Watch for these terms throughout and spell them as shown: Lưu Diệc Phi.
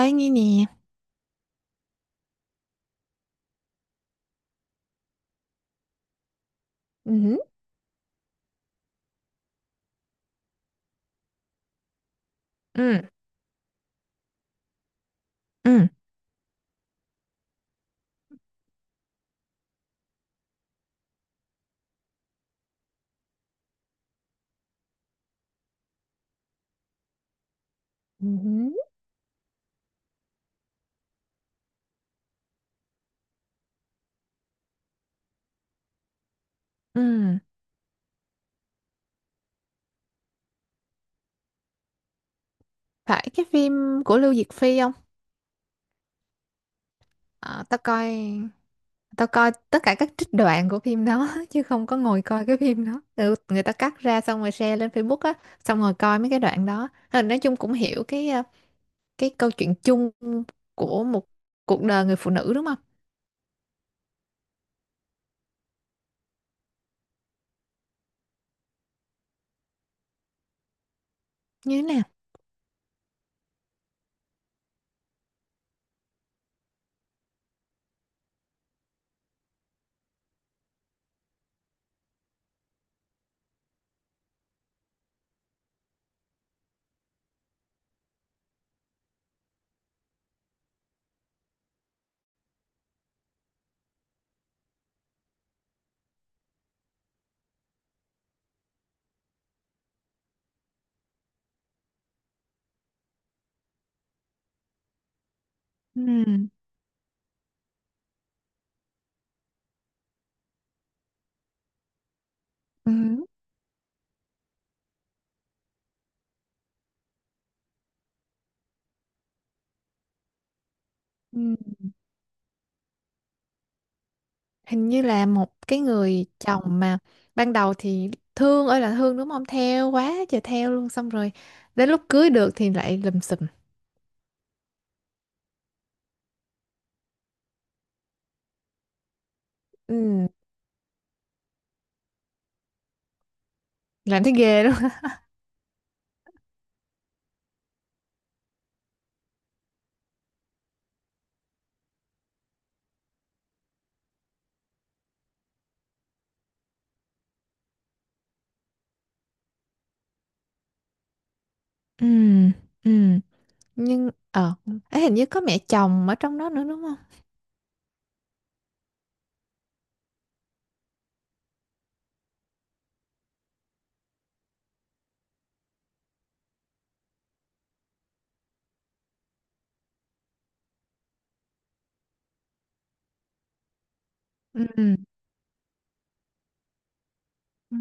Ê, nghe nè. Ừ. Ừ, ừ, ừ, ừ. Phải cái phim của Lưu Diệc Phi không? Ờ, tao coi tất cả các trích đoạn của phim đó chứ không có ngồi coi cái phim đó. Ừ, người ta cắt ra xong rồi share lên Facebook á, xong rồi coi mấy cái đoạn đó. Ờ, Nói chung cũng hiểu cái câu chuyện chung của một cuộc đời người phụ nữ đúng không? Như thế nào? Ừ, ừ, ừ. Hình như là một cái người chồng mà ban đầu thì thương ơi là thương, đúng không, theo quá trời, theo luôn, xong rồi đến lúc cưới được thì lại lùm xùm. Ừ, làm thấy ghê luôn. Ừ, ừ, nhưng ấy hình như có mẹ chồng ở trong đó nữa đúng không? Ừ, ừ.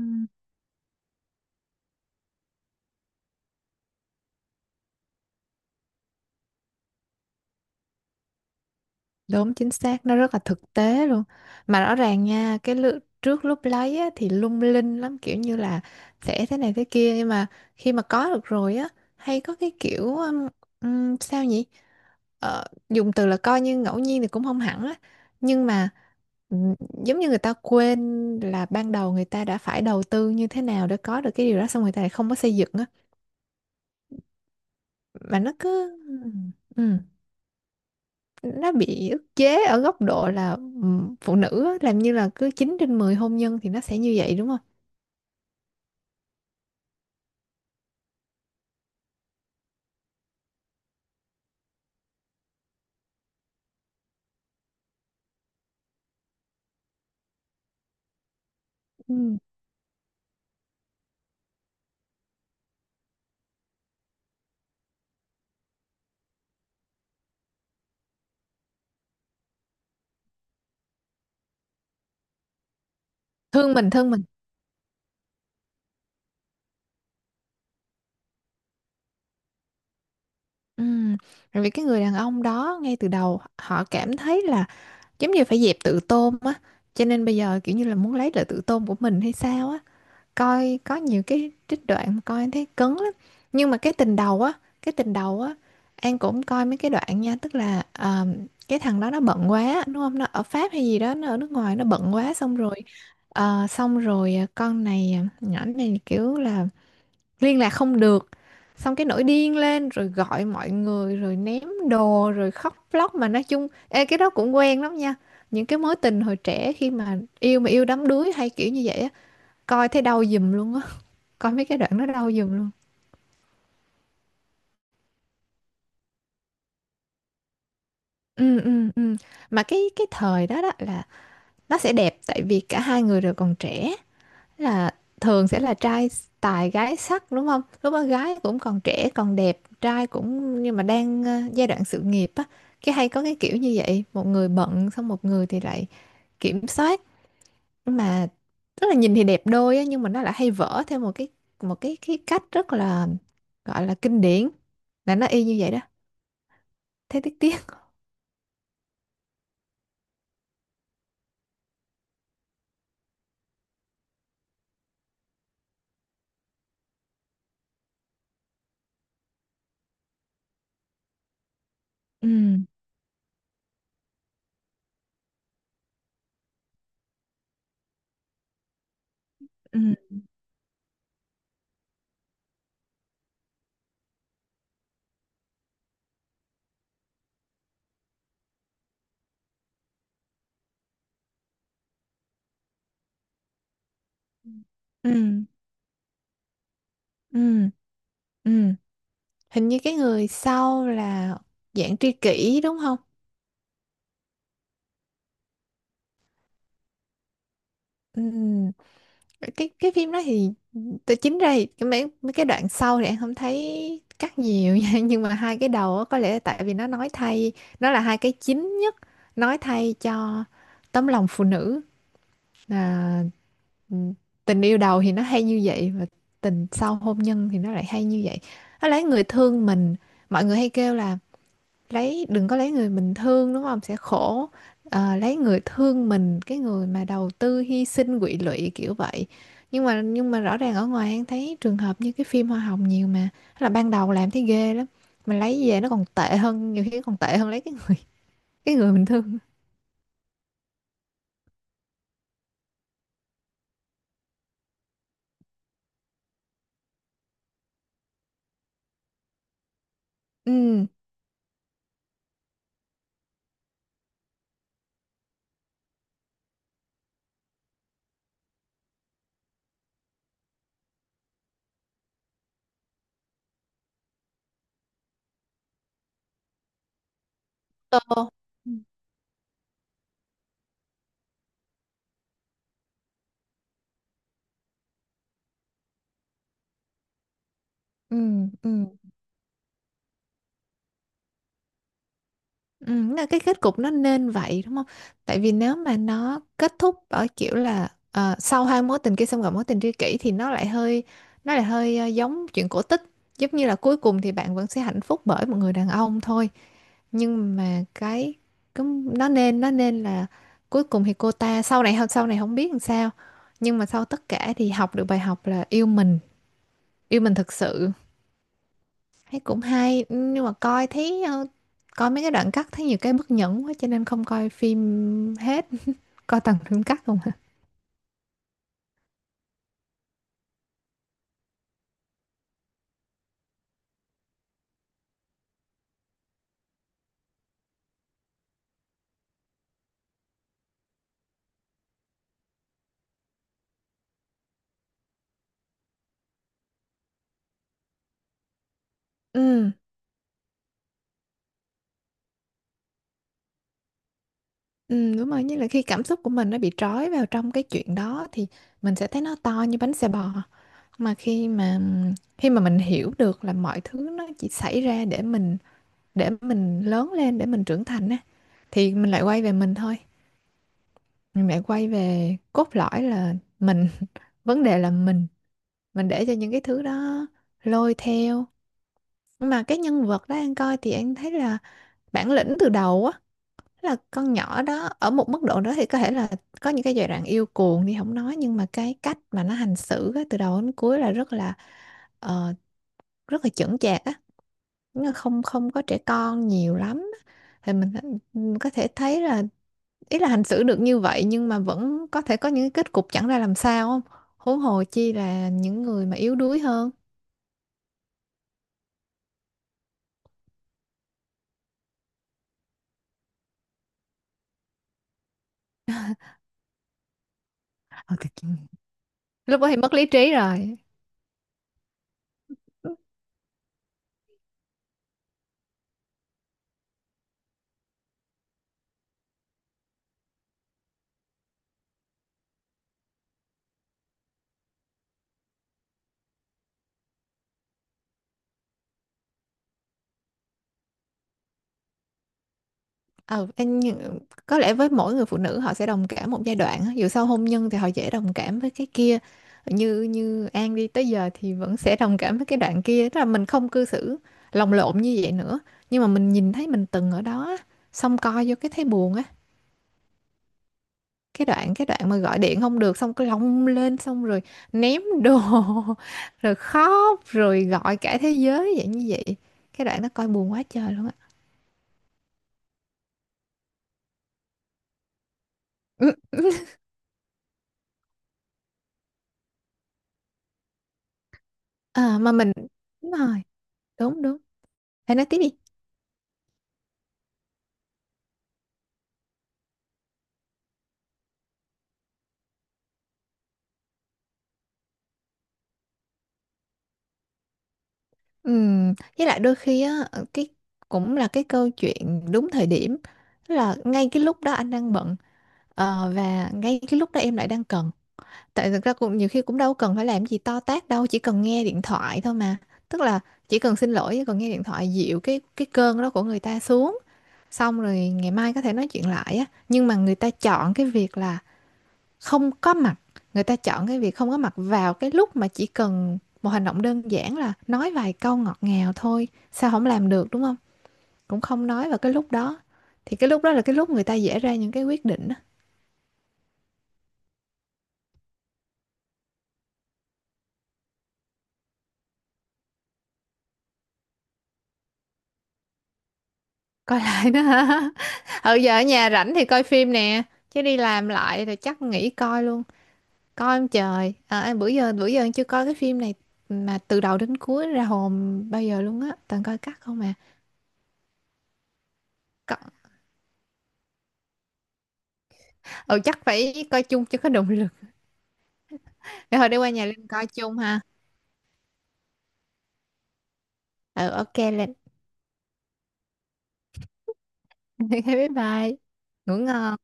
Đúng chính xác, nó rất là thực tế luôn. Mà rõ ràng nha, trước lúc lấy á, thì lung linh lắm, kiểu như là sẽ thế này thế kia, nhưng mà khi mà có được rồi á, hay có cái kiểu, sao nhỉ? Ờ, dùng từ là coi như ngẫu nhiên thì cũng không hẳn á, nhưng mà ừm, giống như người ta quên là ban đầu người ta đã phải đầu tư như thế nào để có được cái điều đó, xong người ta lại không có xây dựng á, mà nó cứ, ừ, nó bị ức chế ở góc độ là, phụ nữ á, làm như là cứ 9 trên 10 hôn nhân thì nó sẽ như vậy đúng không? Ừ. Thương mình, thương mình. Ừm, Rồi vì cái người đàn ông đó ngay từ đầu họ cảm thấy là giống như phải dẹp tự tôn á, cho nên bây giờ kiểu như là muốn lấy lại tự tôn của mình hay sao á. Coi có nhiều cái trích đoạn mà coi em thấy cứng lắm, nhưng mà cái tình đầu á, An cũng coi mấy cái đoạn nha, tức là ờ, cái thằng đó nó bận quá đúng không, nó ở Pháp hay gì đó, nó ở nước ngoài, nó bận quá, xong rồi ờ, nhỏ này kiểu là liên lạc không được, xong cái nổi điên lên rồi gọi mọi người rồi ném đồ rồi khóc lóc. Mà nói chung ê, cái đó cũng quen lắm nha, những cái mối tình hồi trẻ khi mà yêu đắm đuối hay kiểu như vậy á, coi thấy đau giùm luôn á, coi mấy cái đoạn nó đâu dừng luôn. Ừ, mà cái thời đó đó là nó sẽ đẹp tại vì cả hai người đều còn trẻ, là thường sẽ là trai tài gái sắc đúng không, lúc đó gái cũng còn trẻ còn đẹp, trai cũng, nhưng mà đang ờ, giai đoạn sự nghiệp á, cái hay có cái kiểu như vậy, một người bận xong một người thì lại kiểm soát. Mà tức là nhìn thì đẹp đôi á, nhưng mà nó lại hay vỡ theo một cái cái cách rất là gọi là kinh điển, là nó y như vậy đó, thế tiếc, tiếc. Ừ, ừ, Ừ, ừ, ừ. Hình như cái người sau là dạng tri kỷ đúng không? Ừ. Cái phim đó thì tôi chính ra thì cái mấy mấy cái đoạn sau thì em không thấy cắt nhiều nha. Nhưng mà hai cái đầu á, có lẽ tại vì nó nói thay, nó là hai cái chính nhất, nói thay cho tấm lòng phụ nữ, là ừ, tình yêu đầu thì nó hay như vậy và tình sau hôn nhân thì nó lại hay như vậy. Nó lấy người thương mình, mọi người hay kêu là lấy, đừng có lấy người mình thương, đúng không, sẽ khổ. Ờ, lấy người thương mình, cái người mà đầu tư hy sinh quỵ lụy kiểu vậy, nhưng mà rõ ràng ở ngoài em thấy trường hợp như cái phim Hoa Hồng nhiều mà. Thế là ban đầu làm thấy ghê lắm mà lấy về nó còn tệ hơn, nhiều khi còn tệ hơn lấy cái người mình thương. Ừ, tô, ừ, ừ, ừ. Ừ, là cái kết cục nó nên vậy đúng không? Tại vì nếu mà nó kết thúc ở kiểu là ờ, sau hai mối tình kia xong gặp mối tình tri kỷ thì nó lại hơi ờ, giống chuyện cổ tích, giống như là cuối cùng thì bạn vẫn sẽ hạnh phúc bởi một người đàn ông thôi, nhưng mà cái nó nên, nó nên là cuối cùng thì cô ta sau này không biết làm sao, nhưng mà sau tất cả thì học được bài học là yêu mình, yêu mình thực sự, thấy cũng hay. Ừ, nhưng mà coi thấy ờ, coi mấy cái đoạn cắt thấy nhiều cái bất nhẫn quá cho nên không coi phim hết, coi toàn phim cắt không hả. Ừ, ừ, đúng rồi, như là khi cảm xúc của mình nó bị trói vào trong cái chuyện đó thì mình sẽ thấy nó to như bánh xe bò. Mà khi mà mình hiểu được là mọi thứ nó chỉ xảy ra để mình, để mình lớn lên, để mình trưởng thành á, thì mình lại quay về mình thôi, mình lại quay về cốt lõi là mình. Vấn đề là mình để cho những cái thứ đó lôi theo. Nhưng mà cái nhân vật đó anh coi thì anh thấy là bản lĩnh từ đầu á, là con nhỏ đó ở một mức độ đó thì có thể là có những cái giai đoạn yêu cuồng thì không nói, nhưng mà cái cách mà nó hành xử á, từ đầu đến cuối là rất là ờ, rất là chững chạc á. Nó không không có trẻ con nhiều lắm á. Thì mình có thể thấy là, ý là hành xử được như vậy nhưng mà vẫn có thể có những cái kết cục chẳng ra làm sao không, huống hồ chi là những người mà yếu đuối hơn. Ờ, lúc đó thì mất lý trí rồi. Ờ em có lẽ với mỗi người phụ nữ họ sẽ đồng cảm một giai đoạn á. Dù sau hôn nhân thì họ dễ đồng cảm với cái kia, như như An đi tới giờ thì vẫn sẽ đồng cảm với cái đoạn kia, tức là mình không cư xử lồng lộn như vậy nữa, nhưng mà mình nhìn thấy mình từng ở đó á, xong coi vô cái thấy buồn á. Cái đoạn mà gọi điện không được xong cái lông lên xong rồi ném đồ rồi khóc rồi gọi cả thế giới vậy, như vậy cái đoạn nó coi buồn quá trời luôn á. À, mà mình, đúng rồi, đúng, đúng, hãy nói tiếp đi. Với lại đôi khi á ờ, cái cũng là cái câu chuyện đúng thời điểm. Tức là ngay cái lúc đó anh đang bận, ờ, và ngay cái lúc đó em lại đang cần, tại thực ra cũng nhiều khi cũng đâu cần phải làm gì to tát đâu, chỉ cần nghe điện thoại thôi mà, tức là chỉ cần xin lỗi, chỉ cần nghe điện thoại, dịu cái cơn đó của người ta xuống, xong rồi ngày mai có thể nói chuyện lại á. Nhưng mà người ta chọn cái việc là không có mặt, người ta chọn cái việc không có mặt vào cái lúc mà chỉ cần một hành động đơn giản là nói vài câu ngọt ngào thôi, sao không làm được đúng không, cũng không nói vào cái lúc đó, thì cái lúc đó là cái lúc người ta dễ ra những cái quyết định á. Coi lại đó hả. Ừ giờ ở nhà rảnh thì coi phim nè, chứ đi làm lại thì chắc nghỉ coi luôn. Coi ông trời à, bữa giờ em chưa coi cái phim này mà từ đầu đến cuối ra hồn bao giờ luôn á, toàn coi cắt không à. Có- ừ chắc phải coi chung cho có động lực, để hồi đi qua nhà Linh coi chung ha. Ừ ok Linh. Bye bye, ngủ ngon.